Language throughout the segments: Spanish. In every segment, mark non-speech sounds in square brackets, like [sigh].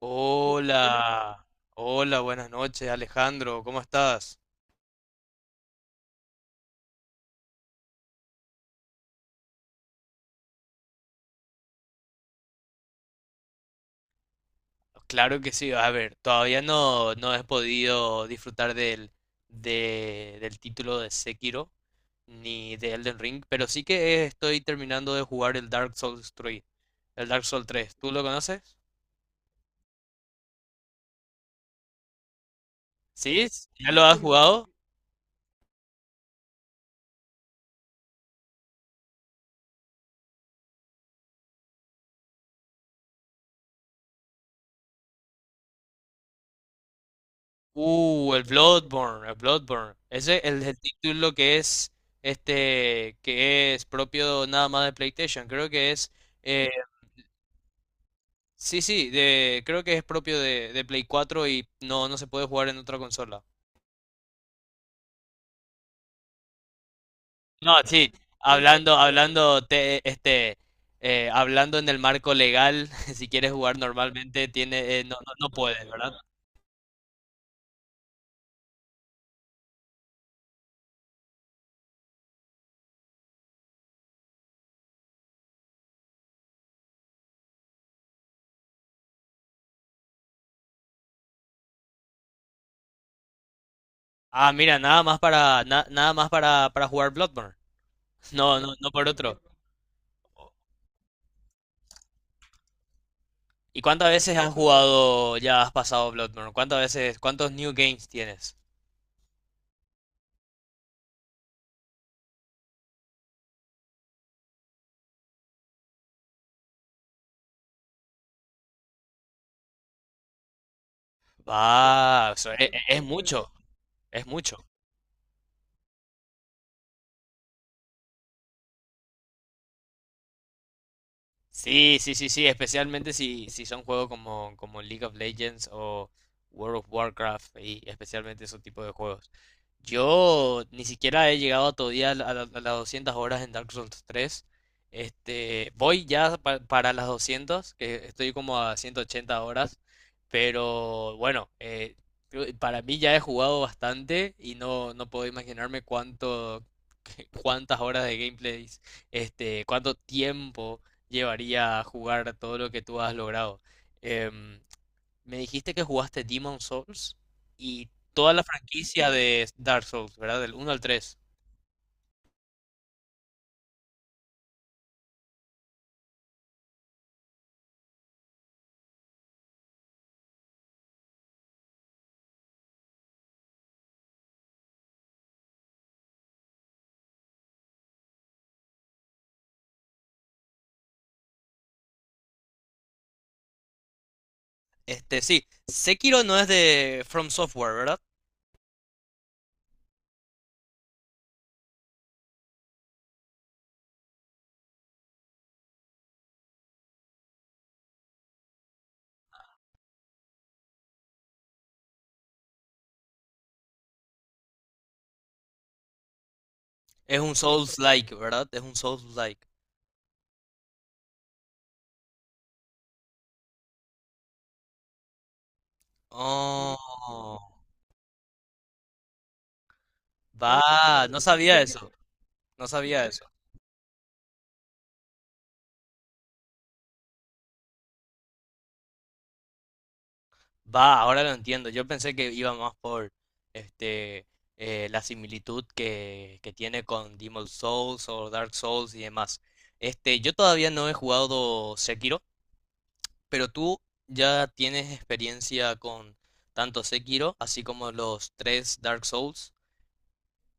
Hola, hola, buenas noches, Alejandro, ¿cómo estás? Claro que sí, a ver, todavía no, he podido disfrutar del título de Sekiro ni de Elden Ring, pero sí que estoy terminando de jugar el Dark Souls 3, el Dark Souls tres. ¿Tú lo conoces? ¿Sí? ¿Ya lo has jugado? El Bloodborne, ese es el título que es, que es propio nada más de PlayStation, creo que es... eh, Sí, sí, creo que es propio de Play 4 y no, no se puede jugar en otra consola. No, sí, hablando, hablando, te- este, hablando en el marco legal, [laughs] si quieres jugar normalmente, tiene, no puedes, ¿verdad? Ah, mira, nada más para jugar Bloodborne. No, no, no por otro. ¿Y cuántas veces has jugado, ya has pasado Bloodborne? ¿Cuántas veces, cuántos new games tienes? Ah, eso es mucho, es mucho. Sí, sí, sí, sí, especialmente si son juegos como, como League of Legends o World of Warcraft y especialmente esos tipos de juegos. Yo ni siquiera he llegado todavía a las 200 horas en Dark Souls 3. Este, voy ya para las 200, que estoy como a 180 horas, pero bueno, para mí ya he jugado bastante y no, no puedo imaginarme cuánto, [laughs] cuántas horas de gameplays, cuánto tiempo llevaría a jugar todo lo que tú has logrado. Em, Me dijiste que jugaste Demon Souls y toda la franquicia de Dark Souls, ¿verdad? Del uno al tres. Este, sí, Sekiro no es de From Software, ¿verdad? Es un Souls-like, ¿verdad? Es un Souls-like. Oh, va, no sabía eso, no sabía eso. Va, ahora lo entiendo. Yo pensé que iba más por este la similitud que tiene con Demon Souls o Dark Souls y demás. Este, yo todavía no he jugado Sekiro, pero tú ya tienes experiencia con tanto Sekiro, así como los tres Dark Souls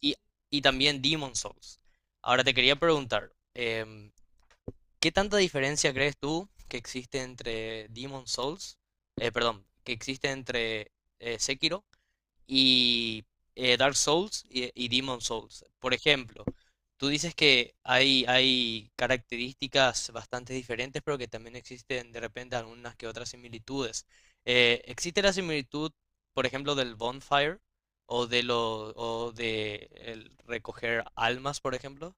y, y también Demon Souls. Ahora te quería preguntar, ¿qué tanta diferencia crees tú que existe entre Demon Souls, perdón, que existe entre Sekiro y Dark Souls y Demon Souls? Por ejemplo, tú dices que hay características bastante diferentes, pero que también existen de repente algunas que otras similitudes. ¿Existe la similitud, por ejemplo, del bonfire o de el recoger almas, por ejemplo?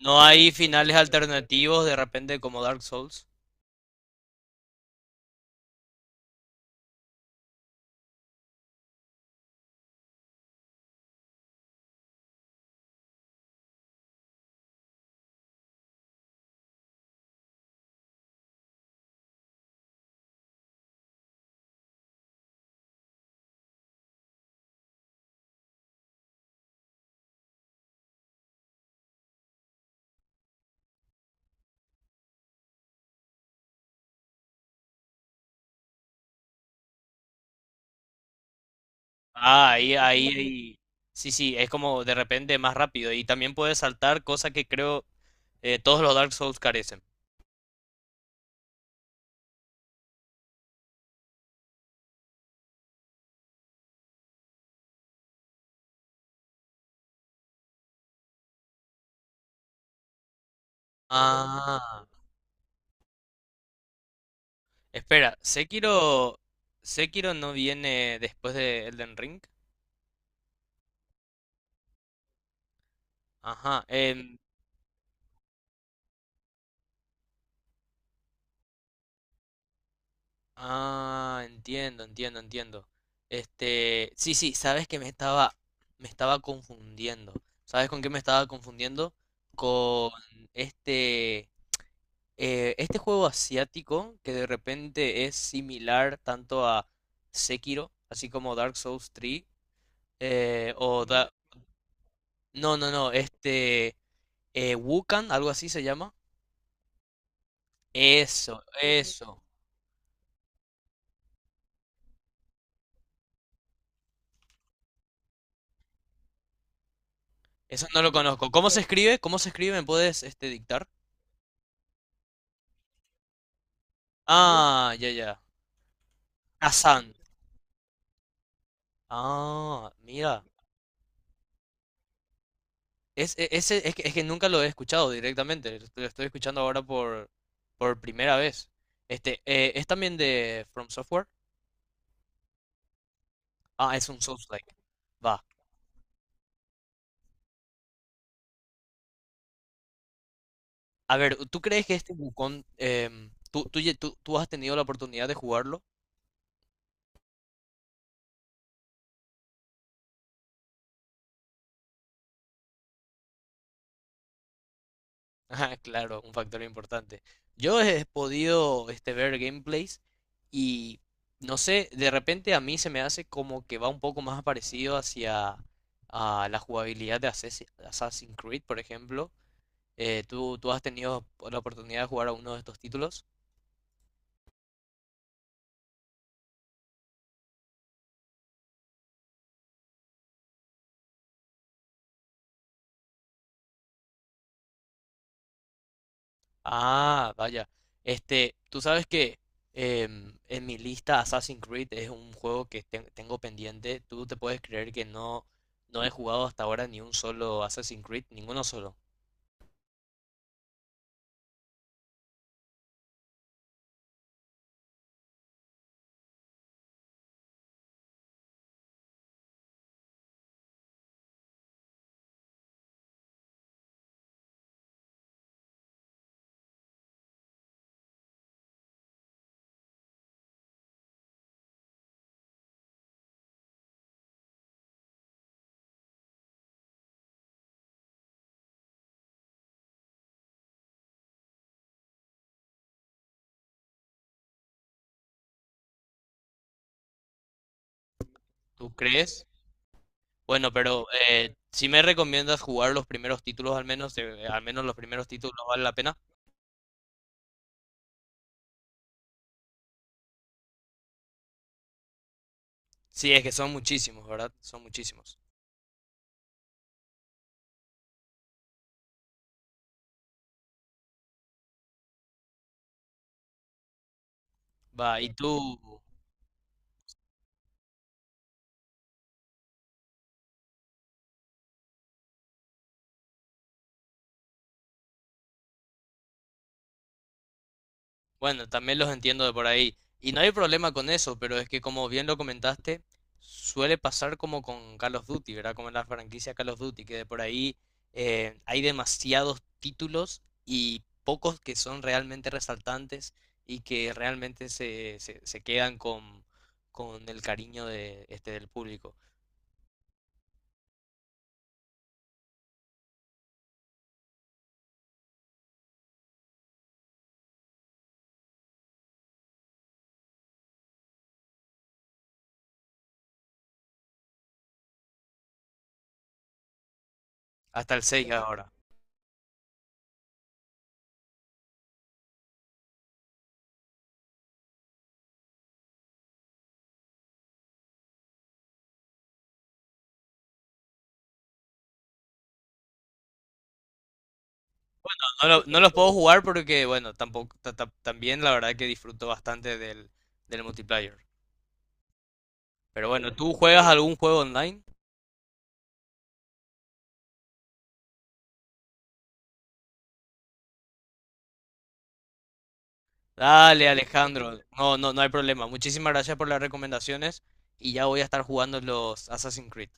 ¿No hay finales alternativos de repente como Dark Souls? Ah, ahí, ahí, ahí. Sí, sí, es como de repente más rápido y también puedes saltar, cosa que creo eh, todos los Dark Souls carecen. Ah, espera, Sekiro, Sekiro no viene después de Elden Ring. Ajá, ah, entiendo, entiendo, entiendo. Este, sí, sí, sabes que me estaba confundiendo. ¿Sabes con qué me estaba confundiendo? Con este, este juego asiático que de repente es similar tanto a Sekiro, así como Dark Souls 3, eh, o, no, no, no, Wukan, algo así se llama. Eso, eso. Eso no lo conozco. ¿Cómo se escribe? ¿Cómo se escribe? ¿Me puedes, dictar? Ah, ya, ya. Hassan. Ah, mira. Ese, es que nunca lo he escuchado directamente. Lo estoy escuchando ahora por primera vez. Este, ¿es también de From Software? Ah, es un Souls-like. Va. A ver, ¿tú crees que este Wukong, tú, tú has tenido la oportunidad de jugarlo? Ajá, claro, un factor importante. Yo he podido ver gameplays y no sé, de repente a mí se me hace como que va un poco más parecido hacia a la jugabilidad de Assassin's Creed, por ejemplo. ¿Tú, tú has tenido la oportunidad de jugar a uno de estos títulos? Ah, vaya. Este, tú sabes que en mi lista Assassin's Creed es un juego que tengo pendiente. Tú te puedes creer que no, no he jugado hasta ahora ni un solo Assassin's Creed, ninguno solo. ¿Tú crees? Bueno, pero si me recomiendas jugar los primeros títulos al menos los primeros títulos vale la pena. Sí, es que son muchísimos, ¿verdad? Son muchísimos. Va, ¿y tú? Bueno, también los entiendo de por ahí. Y no hay problema con eso, pero es que como bien lo comentaste, suele pasar como con Call of Duty, ¿verdad? Como en la franquicia Call of Duty, que de por ahí hay demasiados títulos y pocos que son realmente resaltantes y que realmente se quedan con el cariño de, del público. Hasta el 6 ahora. No, no los puedo jugar porque, bueno, tampoco, también la verdad que disfruto bastante del, del multiplayer. Pero bueno, ¿tú juegas algún juego online? Dale, Alejandro. No, no, no hay problema. Muchísimas gracias por las recomendaciones y ya voy a estar jugando los Assassin's Creed.